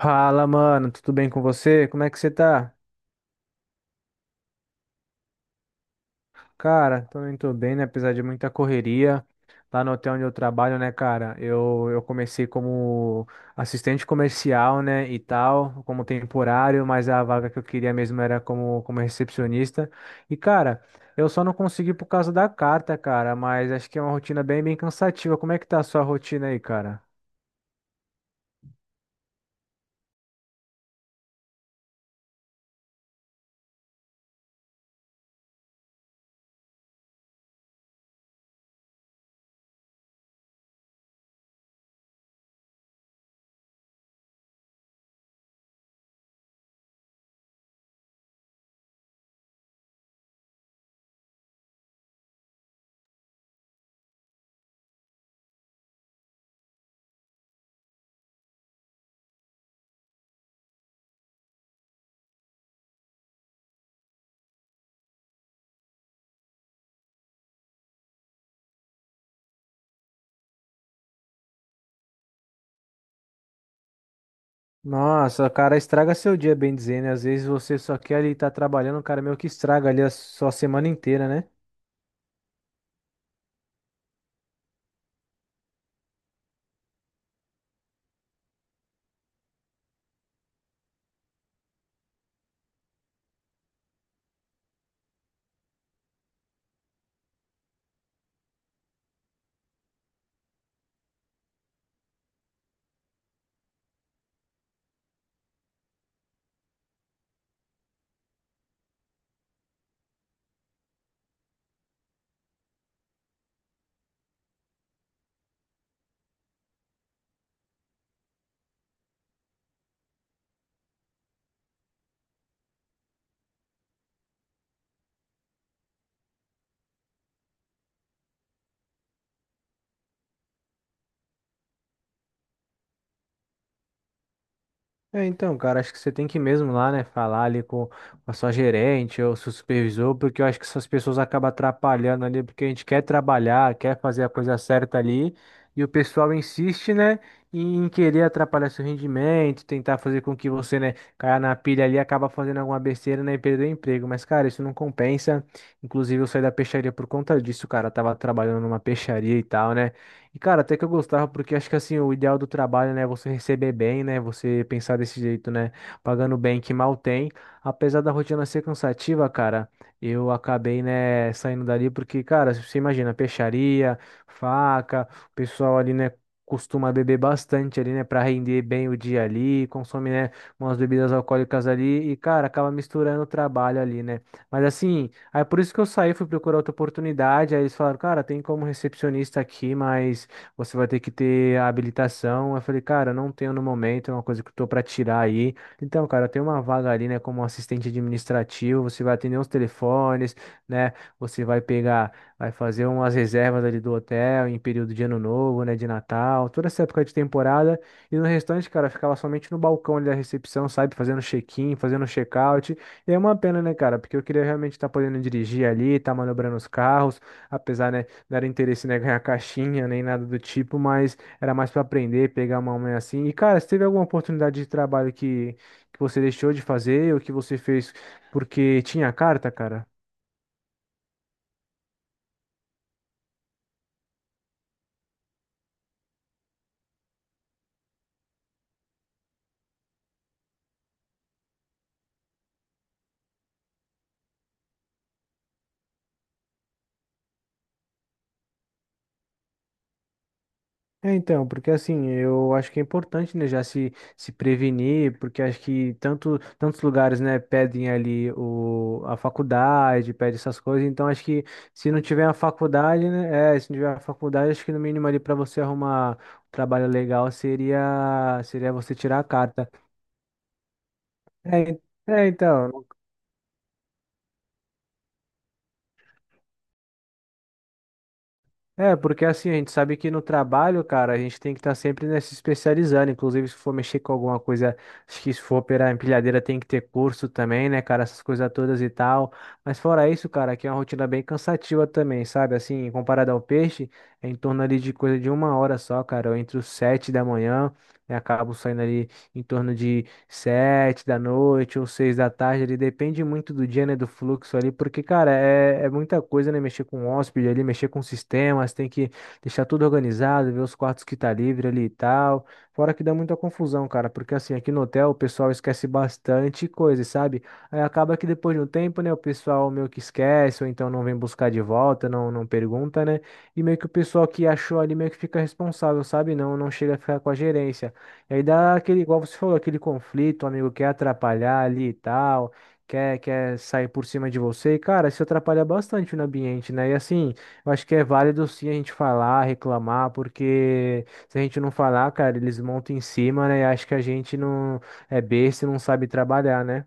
Fala, mano, tudo bem com você? Como é que você tá? Cara, também tô bem, né? Apesar de muita correria lá no hotel onde eu trabalho, né, cara? Eu comecei como assistente comercial, né, e tal, como temporário, mas a vaga que eu queria mesmo era como recepcionista. E, cara. Eu só não consegui por causa da carta, cara, mas acho que é uma rotina bem cansativa. Como é que tá a sua rotina aí, cara? Nossa, cara, estraga seu dia, bem dizendo. Às vezes você só quer ali estar trabalhando, cara, meio que estraga ali a sua semana inteira, né? É, então, cara, acho que você tem que ir mesmo lá, né, falar ali com a sua gerente ou seu supervisor, porque eu acho que essas pessoas acabam atrapalhando ali, porque a gente quer trabalhar, quer fazer a coisa certa ali, e o pessoal insiste, né, em querer atrapalhar seu rendimento, tentar fazer com que você, né, caia na pilha ali, acaba fazendo alguma besteira, né, e perder o emprego. Mas, cara, isso não compensa. Inclusive, eu saí da peixaria por conta disso, cara. Eu tava trabalhando numa peixaria e tal, né? E, cara, até que eu gostava, porque acho que assim, o ideal do trabalho, né, é você receber bem, né, você pensar desse jeito, né, pagando bem que mal tem. Apesar da rotina ser cansativa, cara, eu acabei, né, saindo dali porque, cara, você imagina, peixaria, faca, o pessoal ali, né, costuma beber bastante ali, né, para render bem o dia ali, consome, né, umas bebidas alcoólicas ali e, cara, acaba misturando o trabalho ali, né. Mas assim. Aí por isso que eu saí, fui procurar outra oportunidade. Aí eles falaram, cara, tem como recepcionista aqui, mas você vai ter que ter a habilitação. Eu falei, cara, não tenho no momento, é uma coisa que eu tô pra tirar aí. Então, cara, tem uma vaga ali, né, como assistente administrativo, você vai atender os telefones, né? Você vai pegar, vai fazer umas reservas ali do hotel em período de ano novo, né, de Natal, toda essa época de temporada. E no restante, cara, eu ficava somente no balcão ali da recepção, sabe, fazendo check-in, fazendo check-out. E é uma pena, né, cara? Porque eu queria realmente estar podendo dirigir ali, estar manobrando os carros, apesar, né, não era interesse, né, ganhar caixinha nem nada do tipo, mas era mais para aprender, pegar uma mãe assim. E, cara, se teve alguma oportunidade de trabalho que você deixou de fazer ou que você fez porque tinha carta, cara? É, então, porque assim, eu acho que é importante, né, já se, se prevenir, porque acho que tantos lugares, né, pedem ali a faculdade, pedem essas coisas, então acho que se não tiver a faculdade, né, é, se não tiver a faculdade, acho que no mínimo ali para você arrumar um trabalho legal seria você tirar a carta. É, en- é, então, é, porque assim, a gente sabe que no trabalho, cara, a gente tem que estar sempre né, se especializando. Inclusive, se for mexer com alguma coisa, acho que se for operar empilhadeira, tem que ter curso também, né, cara? Essas coisas todas e tal. Mas fora isso, cara, aqui é uma rotina bem cansativa também, sabe? Assim, comparado ao peixe, é em torno ali de coisa de uma hora só, cara. Eu entro sete da manhã e acabo saindo ali em torno de sete da noite ou seis da tarde, ele depende muito do dia, né, do fluxo ali, porque, cara, é muita coisa, né, mexer com hóspede ali, mexer com sistemas, tem que deixar tudo organizado, ver os quartos que tá livre ali e tal, fora que dá muita confusão, cara, porque assim, aqui no hotel o pessoal esquece bastante coisa, sabe? Aí acaba que depois de um tempo, né, o pessoal meio que esquece, ou então não vem buscar de volta, não pergunta, né, e meio que o pessoal que achou ali meio que fica responsável, sabe? Não chega a ficar com a gerência. E aí dá aquele, igual você falou, aquele conflito, o amigo quer atrapalhar ali e tal, quer sair por cima de você. E, cara, isso atrapalha bastante no ambiente, né? E assim, eu acho que é válido sim a gente falar, reclamar, porque se a gente não falar, cara, eles montam em cima, né? E acho que a gente não é besta e não sabe trabalhar, né?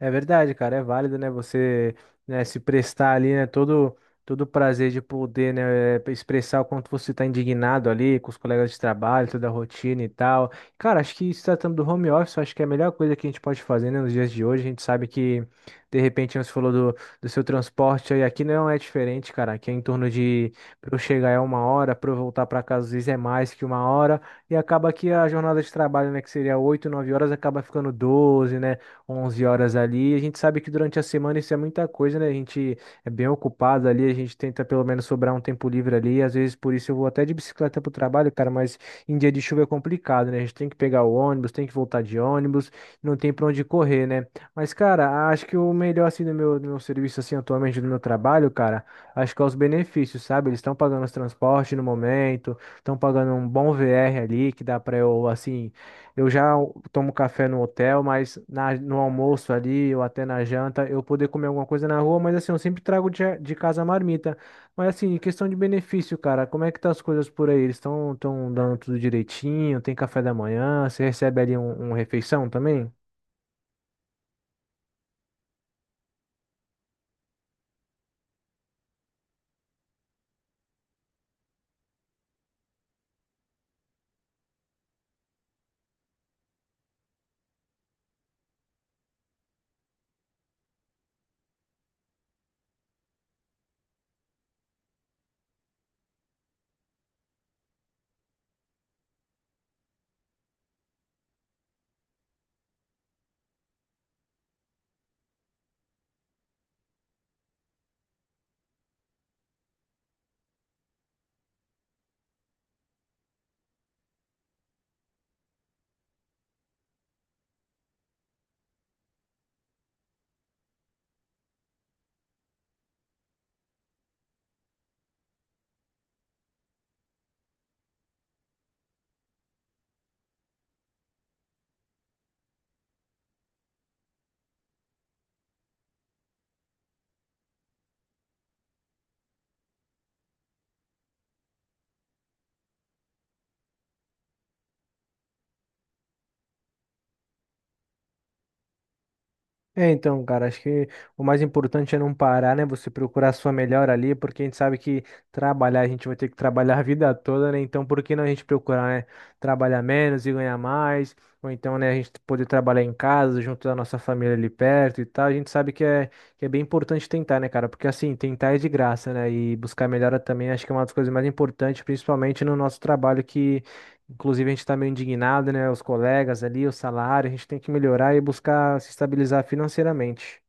É verdade, cara, é válido, né? Você, né, se prestar ali, né, todo o prazer de poder, né, expressar o quanto você está indignado ali com os colegas de trabalho, toda a rotina e tal. Cara, acho que se tratando do home office, eu acho que é a melhor coisa que a gente pode fazer, né, nos dias de hoje. A gente sabe que, de repente, você falou do seu transporte aí, aqui não é diferente, cara. Aqui é em torno de, para eu chegar é uma hora, para eu voltar para casa às vezes é mais que uma hora, e acaba que a jornada de trabalho, né, que seria 8, 9 horas, acaba ficando 12, né? Onze horas ali. A gente sabe que durante a semana isso é muita coisa, né? A gente é bem ocupado ali, a gente tenta pelo menos sobrar um tempo livre ali. Às vezes por isso eu vou até de bicicleta pro trabalho, cara, mas em dia de chuva é complicado, né? A gente tem que pegar o ônibus, tem que voltar de ônibus, não tem pra onde correr, né? Mas, cara, acho que o melhor assim do meu serviço assim atualmente do meu trabalho, cara, acho que é os benefícios, sabe? Eles estão pagando os transportes no momento, estão pagando um bom VR ali que dá pra eu assim eu já tomo café no hotel, mas no almoço ali ou até na janta eu poder comer alguma coisa na rua, mas assim, eu sempre trago de casa a marmita. Mas assim, em questão de benefício, cara, como é que tá as coisas por aí? Eles estão tão dando tudo direitinho? Tem café da manhã? Você recebe ali um refeição também? É, então, cara, acho que o mais importante é não parar, né? Você procurar a sua melhor ali, porque a gente sabe que trabalhar, a gente vai ter que trabalhar a vida toda, né? Então, por que não a gente procurar, né? Trabalhar menos e ganhar mais, ou então, né, a gente poder trabalhar em casa, junto da nossa família ali perto e tal. A gente sabe que é bem importante tentar, né, cara? Porque assim, tentar é de graça, né? E buscar melhora também acho que é uma das coisas mais importantes, principalmente no nosso trabalho, que inclusive, a gente está meio indignado, né? Os colegas ali, o salário, a gente tem que melhorar e buscar se estabilizar financeiramente.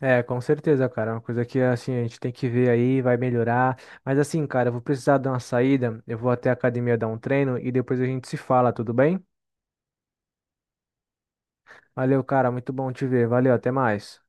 É, com certeza, cara. É uma coisa que, assim, a gente tem que ver aí, vai melhorar. Mas, assim, cara, eu vou precisar dar uma saída. Eu vou até a academia dar um treino e depois a gente se fala, tudo bem? Valeu, cara. Muito bom te ver. Valeu, até mais.